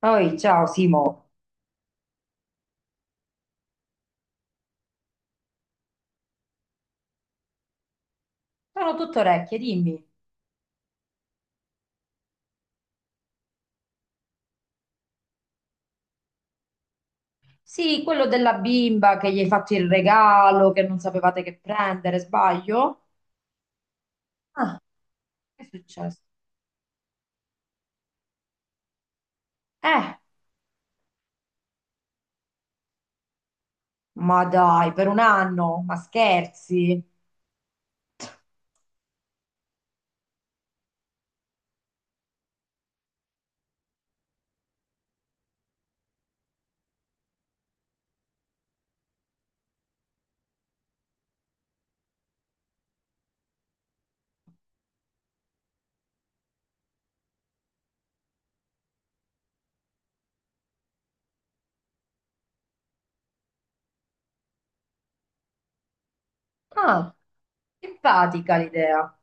Poi, ciao Simo, sono tutto orecchie, dimmi. Sì, quello della bimba che gli hai fatto il regalo, che non sapevate che prendere, sbaglio? Ah. Che è successo? Eh, ma dai, per un anno, ma scherzi? Ah, simpatica l'idea.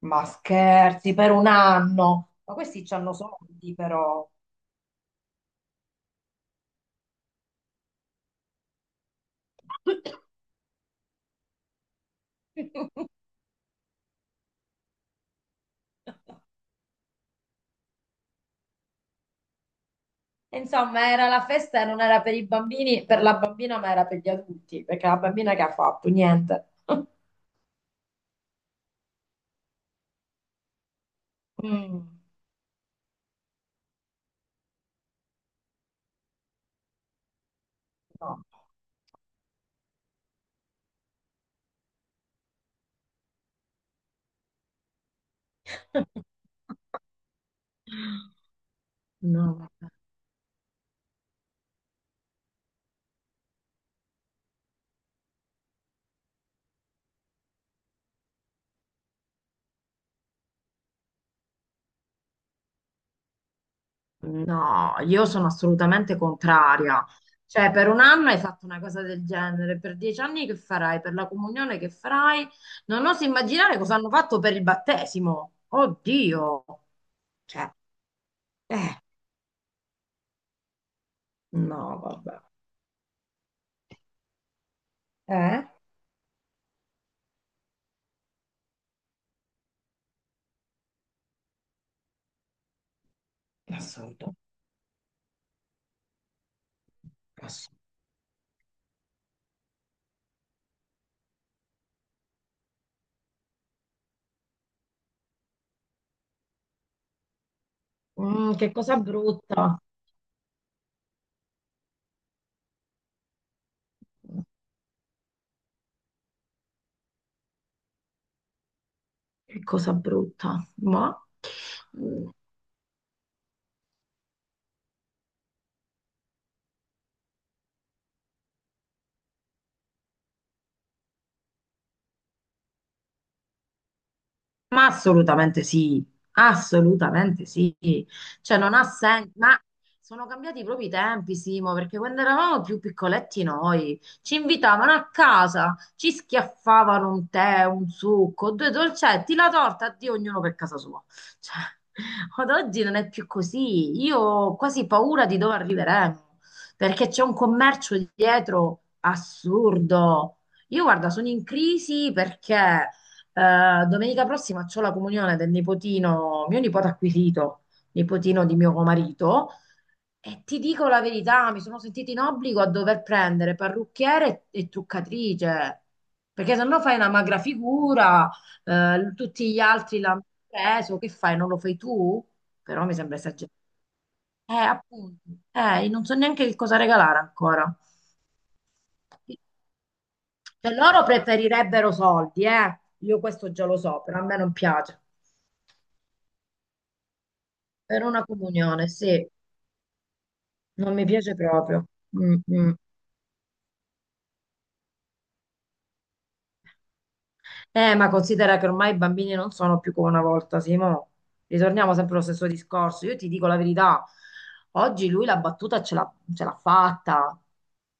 Ma scherzi, per un anno. Ma questi hanno soldi però. Insomma, era la festa e non era per i bambini, per la bambina, ma era per gli adulti, perché la bambina che ha fatto? Niente. Mm. No. No, vabbè. No, io sono assolutamente contraria. Cioè, per un anno hai fatto una cosa del genere, per 10 anni che farai? Per la comunione che farai? Non oso immaginare cosa hanno fatto per il battesimo. Oddio. Cioè, eh, no, vabbè. Eh? Assurdo. Assurdo. Mm, che cosa brutta. Che cosa brutta. Mm, Ma assolutamente sì, assolutamente sì. Cioè non ha senso, ma sono cambiati i propri tempi, Simo, perché quando eravamo più piccoletti noi ci invitavano a casa, ci schiaffavano un tè, un succo, due dolcetti, la torta, addio, ognuno per casa sua. Cioè, ad oggi non è più così. Io ho quasi paura di dove arriveremo, perché c'è un commercio dietro assurdo. Io guarda, sono in crisi perché domenica prossima c'ho la comunione del nipotino, mio nipote acquisito, nipotino di mio marito, e ti dico la verità, mi sono sentita in obbligo a dover prendere parrucchiere e truccatrice, perché se no fai una magra figura, tutti gli altri l'hanno preso, che fai? Non lo fai tu? Però mi sembra esagerato. Appunto, non so neanche che cosa regalare ancora. Cioè, loro preferirebbero soldi, eh. Io questo già lo so, però a me non piace. Per una comunione, sì, non mi piace proprio. Mm, mm. Ma considera che ormai i bambini non sono più come una volta, Simo. Ritorniamo sempre allo stesso discorso. Io ti dico la verità, oggi lui la battuta ce l'ha fatta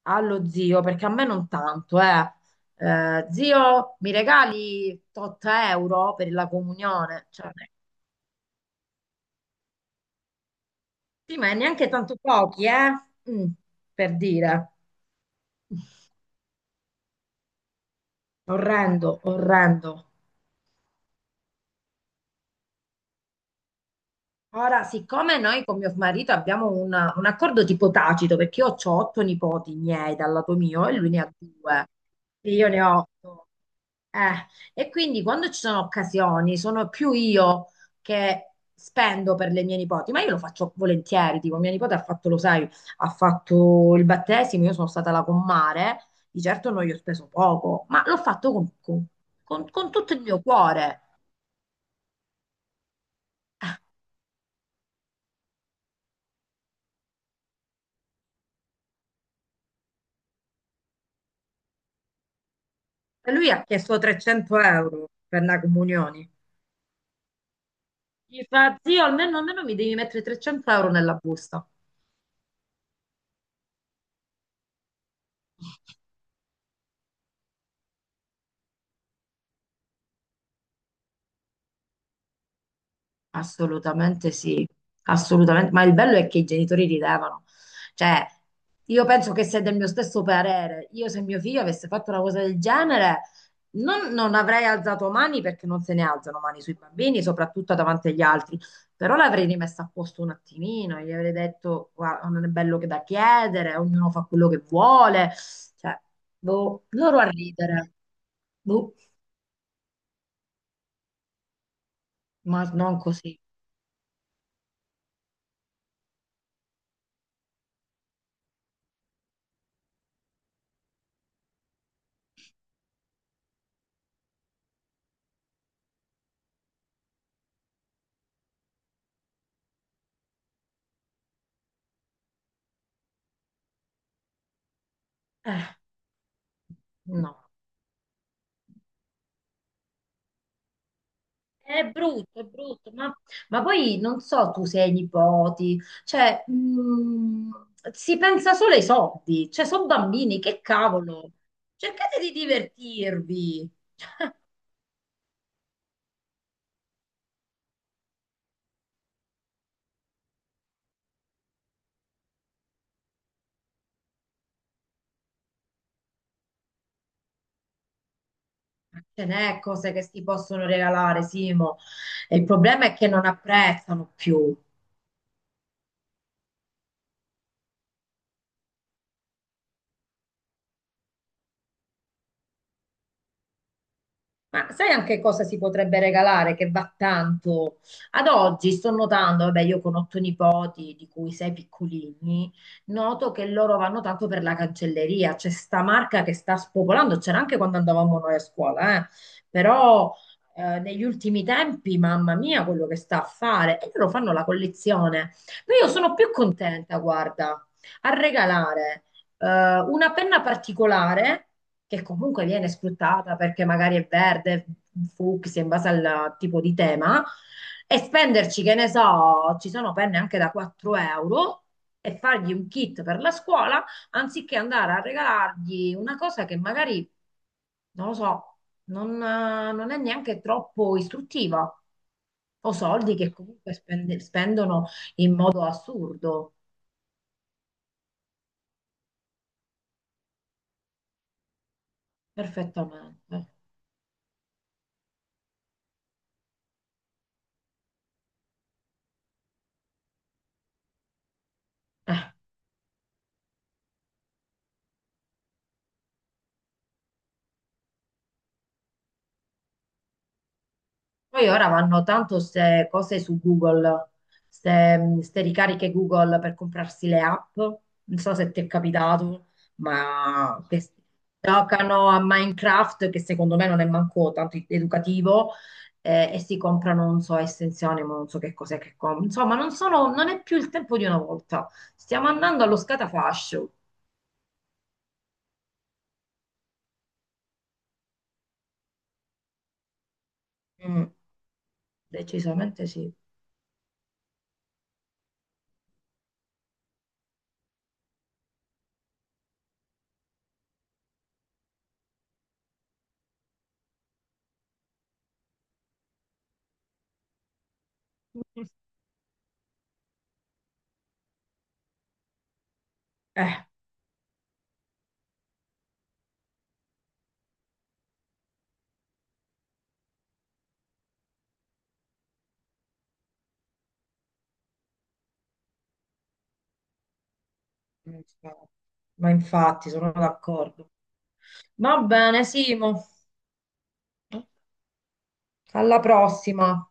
allo zio, perché a me non tanto, eh. Zio, mi regali 8 euro per la comunione? Cioè, sì, ma è neanche tanto pochi, eh? Mm, per dire. Orrendo, orrendo. Ora, siccome noi con mio marito abbiamo un accordo tipo tacito, perché io ho otto nipoti miei dal lato mio e lui ne ha due, e io ne ho otto. Eh, e quindi quando ci sono occasioni, sono più io che spendo per le mie nipoti, ma io lo faccio volentieri. Tipo, mia nipote ha fatto, lo sai, ha fatto il battesimo, io sono stata la commare, di certo non gli ho speso poco, ma l'ho fatto con tutto il mio cuore. E lui ha chiesto 300 euro per la comunione. Infatti, io almeno, almeno mi devi mettere 300 euro nella busta. Assolutamente sì, assolutamente. Ma il bello è che i genitori ridevano. Cioè, io penso che sei del mio stesso parere. Io se mio figlio avesse fatto una cosa del genere, non avrei alzato mani perché non se ne alzano mani sui bambini, soprattutto davanti agli altri. Però l'avrei rimessa a posto un attimino, gli avrei detto, guarda, non è bello che da chiedere, ognuno fa quello che vuole. Cioè, boh, loro a ridere. Boh. Ma non così. Eh, no. È brutto, ma poi non so tu se hai nipoti, cioè si pensa solo ai soldi, cioè sono bambini, che cavolo, cercate di divertirvi. Ce n'è cose che si possono regalare, Simo, e il problema è che non apprezzano più. Ma sai anche cosa si potrebbe regalare che va tanto? Ad oggi sto notando, vabbè, io con otto nipoti, di cui sei piccolini, noto che loro vanno tanto per la cancelleria. C'è sta marca che sta spopolando, c'era anche quando andavamo noi a scuola, eh. Però negli ultimi tempi, mamma mia, quello che sta a fare, e loro fanno la collezione. Ma io sono più contenta, guarda, a regalare una penna particolare che comunque viene sfruttata perché magari è verde, fucsia, in base al tipo di tema, e spenderci, che ne so, ci sono penne anche da 4 euro. E fargli un kit per la scuola anziché andare a regalargli una cosa che magari, non lo so, non è neanche troppo istruttiva o soldi che comunque spendono in modo assurdo, perfettamente. Eh. Poi ora vanno tanto queste cose su Google, queste ricariche Google per comprarsi le app. Non so se ti è capitato, ma che giocano a Minecraft, che secondo me non è manco tanto educativo, e si comprano, non so, estensioni, ma non so che cos'è che comprano. Insomma, non è più il tempo di una volta. Stiamo andando allo scatafascio. Mm, decisamente sì. Eh, ma infatti, ma infatti sono d'accordo. Va bene, Simo. Alla prossima.